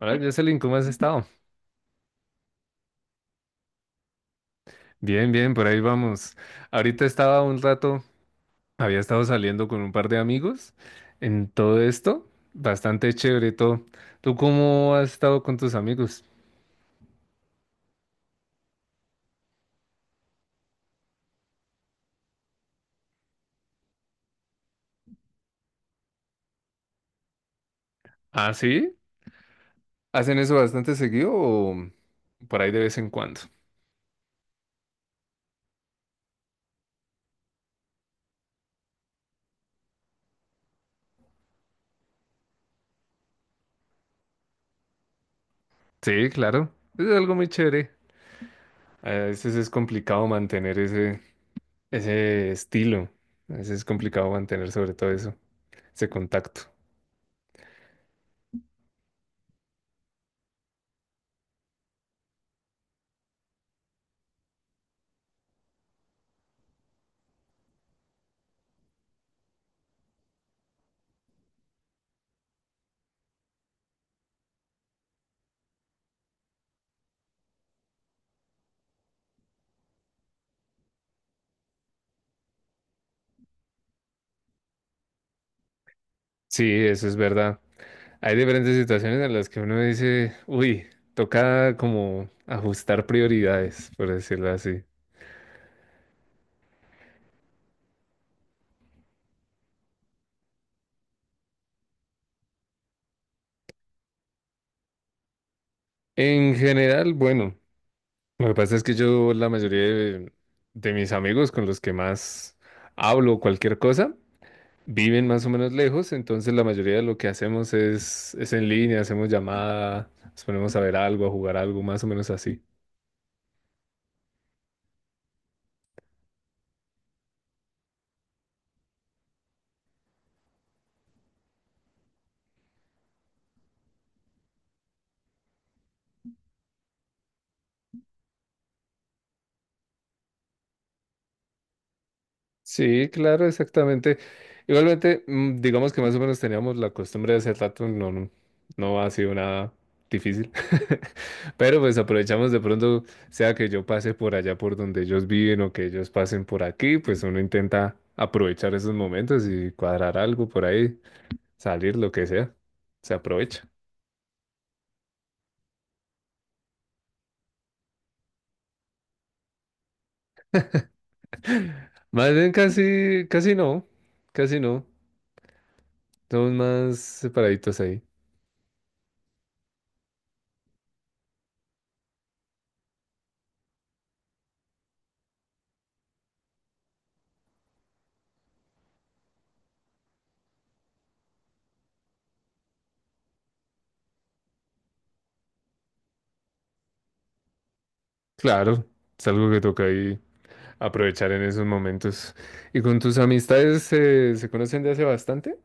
Hola, Jocelyn, ¿cómo has estado? Bien, bien, por ahí vamos. Ahorita estaba un rato, había estado saliendo con un par de amigos en todo esto. Bastante chévere todo. ¿Tú cómo has estado con tus amigos? ¿Ah, sí? ¿Hacen eso bastante seguido o por ahí de vez en cuando? Sí, claro. Es algo muy chévere. A veces es complicado mantener ese estilo. A veces es complicado mantener sobre todo ese contacto. Sí, eso es verdad. Hay diferentes situaciones en las que uno dice, uy, toca como ajustar prioridades, por decirlo así. En general, bueno, lo que pasa es que yo la mayoría de mis amigos con los que más hablo o cualquier cosa viven más o menos lejos, entonces la mayoría de lo que hacemos es en línea, hacemos llamada, nos ponemos a ver algo, a jugar algo, más o menos así. Sí, claro, exactamente. Igualmente, digamos que más o menos teníamos la costumbre de hacer rato, no, no, no ha sido nada difícil. Pero pues aprovechamos de pronto, sea que yo pase por allá por donde ellos viven o que ellos pasen por aquí, pues uno intenta aprovechar esos momentos y cuadrar algo por ahí, salir, lo que sea. Se aprovecha. Más bien casi, casi no, casi no. Somos más separaditos ahí. Claro, es algo que toca ahí aprovechar en esos momentos. ¿Y con tus amistades se conocen de hace bastante?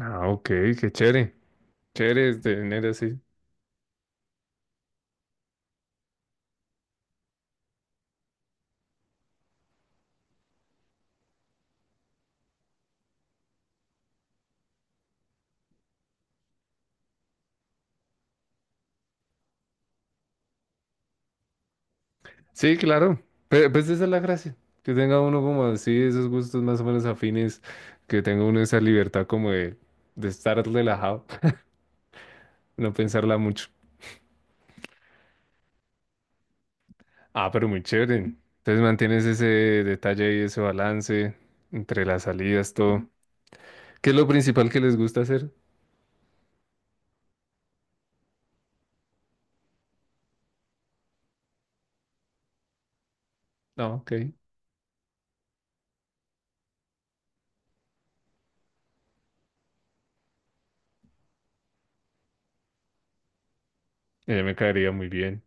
Ah, ok, qué chévere. Chévere es tener así. Sí, claro. Pues esa es la gracia. Que tenga uno como así, esos gustos más o menos afines. Que tenga uno esa libertad como de estar relajado, no pensarla mucho. Ah, pero muy chévere. Entonces mantienes ese detalle y ese balance entre las salidas, todo. ¿Qué es lo principal que les gusta hacer? Ah, ok. Me caería muy bien.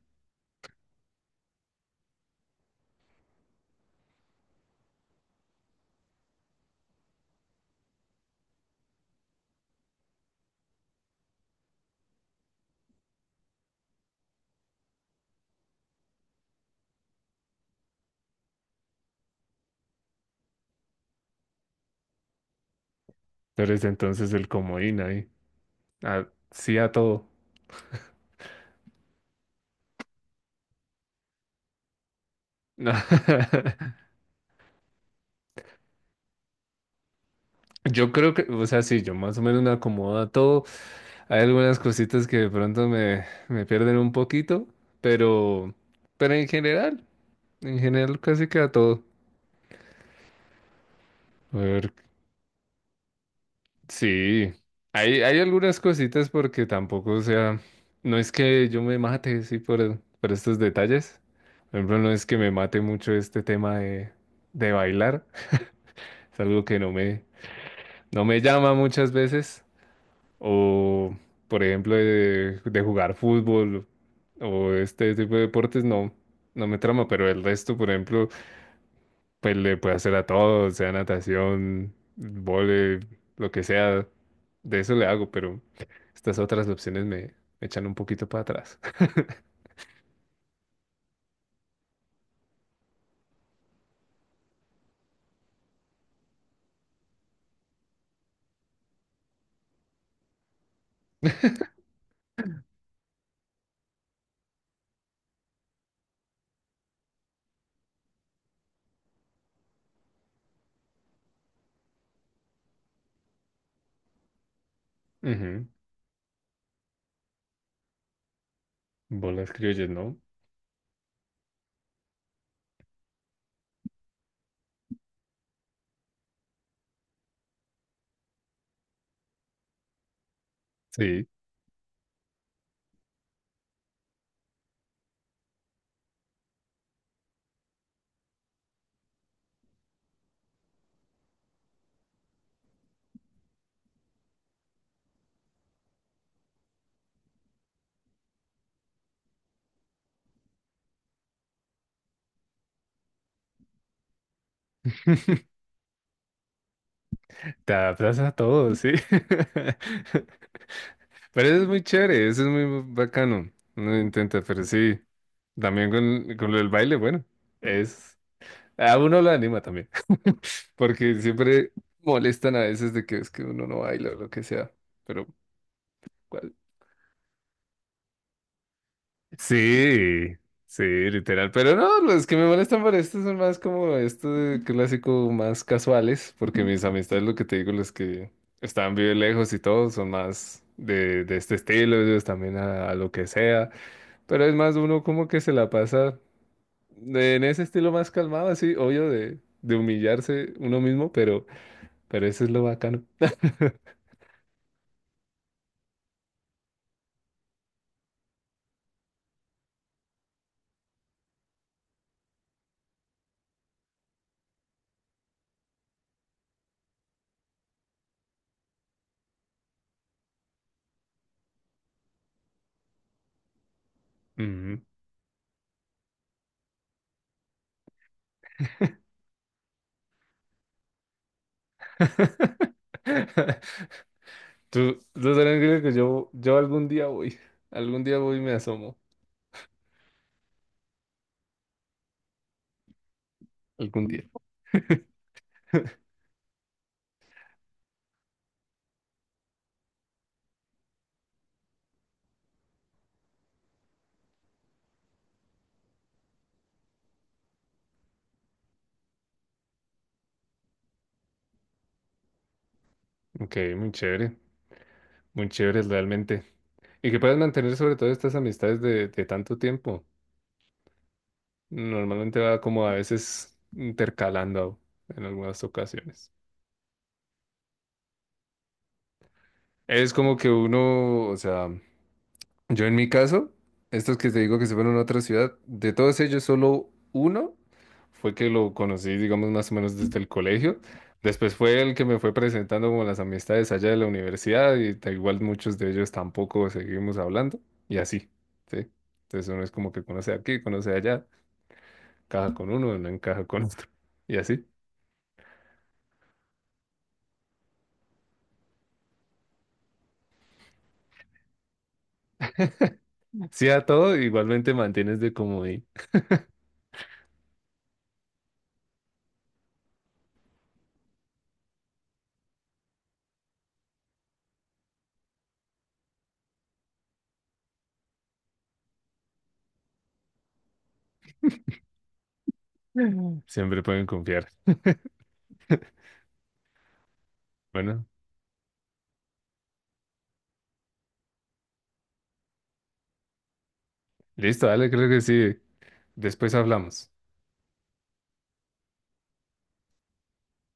Eres entonces el comodín ahí. Ah, sí a todo. Yo creo que, o sea, sí, yo más o menos me acomodo a todo. Hay algunas cositas que de pronto me pierden un poquito, pero, pero en general casi que a todo. A ver, sí, hay algunas cositas porque tampoco, o sea, no es que yo me mate, sí, por estos detalles. Por ejemplo, no es que me mate mucho este tema de bailar. Es algo que no no me llama muchas veces. O, por ejemplo, de jugar fútbol o este tipo de deportes, no, no me trama. Pero el resto, por ejemplo, pues le puedo hacer a todo, sea natación, vóley, lo que sea. De eso le hago, pero estas otras opciones me echan un poquito para atrás. Ujú. Bolas criollas, ¿no? Sí. Te adaptas a todo, sí. Pero eso es muy chévere, eso es muy bacano. Uno intenta, pero sí. También con el baile, bueno, es... A uno lo anima también, porque siempre molestan a veces de que es que uno no baila o lo que sea, pero... ¿cuál? Sí, sí, literal, pero no, los que me molestan por esto son más como estos clásicos más casuales, porque mis amistades, lo que te digo, los que están bien lejos y todo, son más de este estilo, ellos también a lo que sea, pero es más uno como que se la pasa... en ese estilo más calmado, así, obvio, de humillarse uno mismo, pero eso es lo bacano. Ujú. Tú tranquilo que yo algún día voy y me asomo, algún día. Ok, muy chévere realmente. Y que puedas mantener sobre todo estas amistades de tanto tiempo. Normalmente va como a veces intercalando en algunas ocasiones. Es como que uno, o sea, yo en mi caso, estos que te digo que se fueron a otra ciudad, de todos ellos solo uno fue que lo conocí, digamos, más o menos desde el colegio. Después fue el que me fue presentando como las amistades allá de la universidad y da igual muchos de ellos tampoco seguimos hablando y así, ¿sí? Entonces uno es como que conoce aquí, conoce allá, encaja con uno, no encaja con otro y así. Sí a todo, igualmente mantienes de comodín. Ujú. Siempre pueden confiar. Bueno, listo, dale, creo que sí. Después hablamos.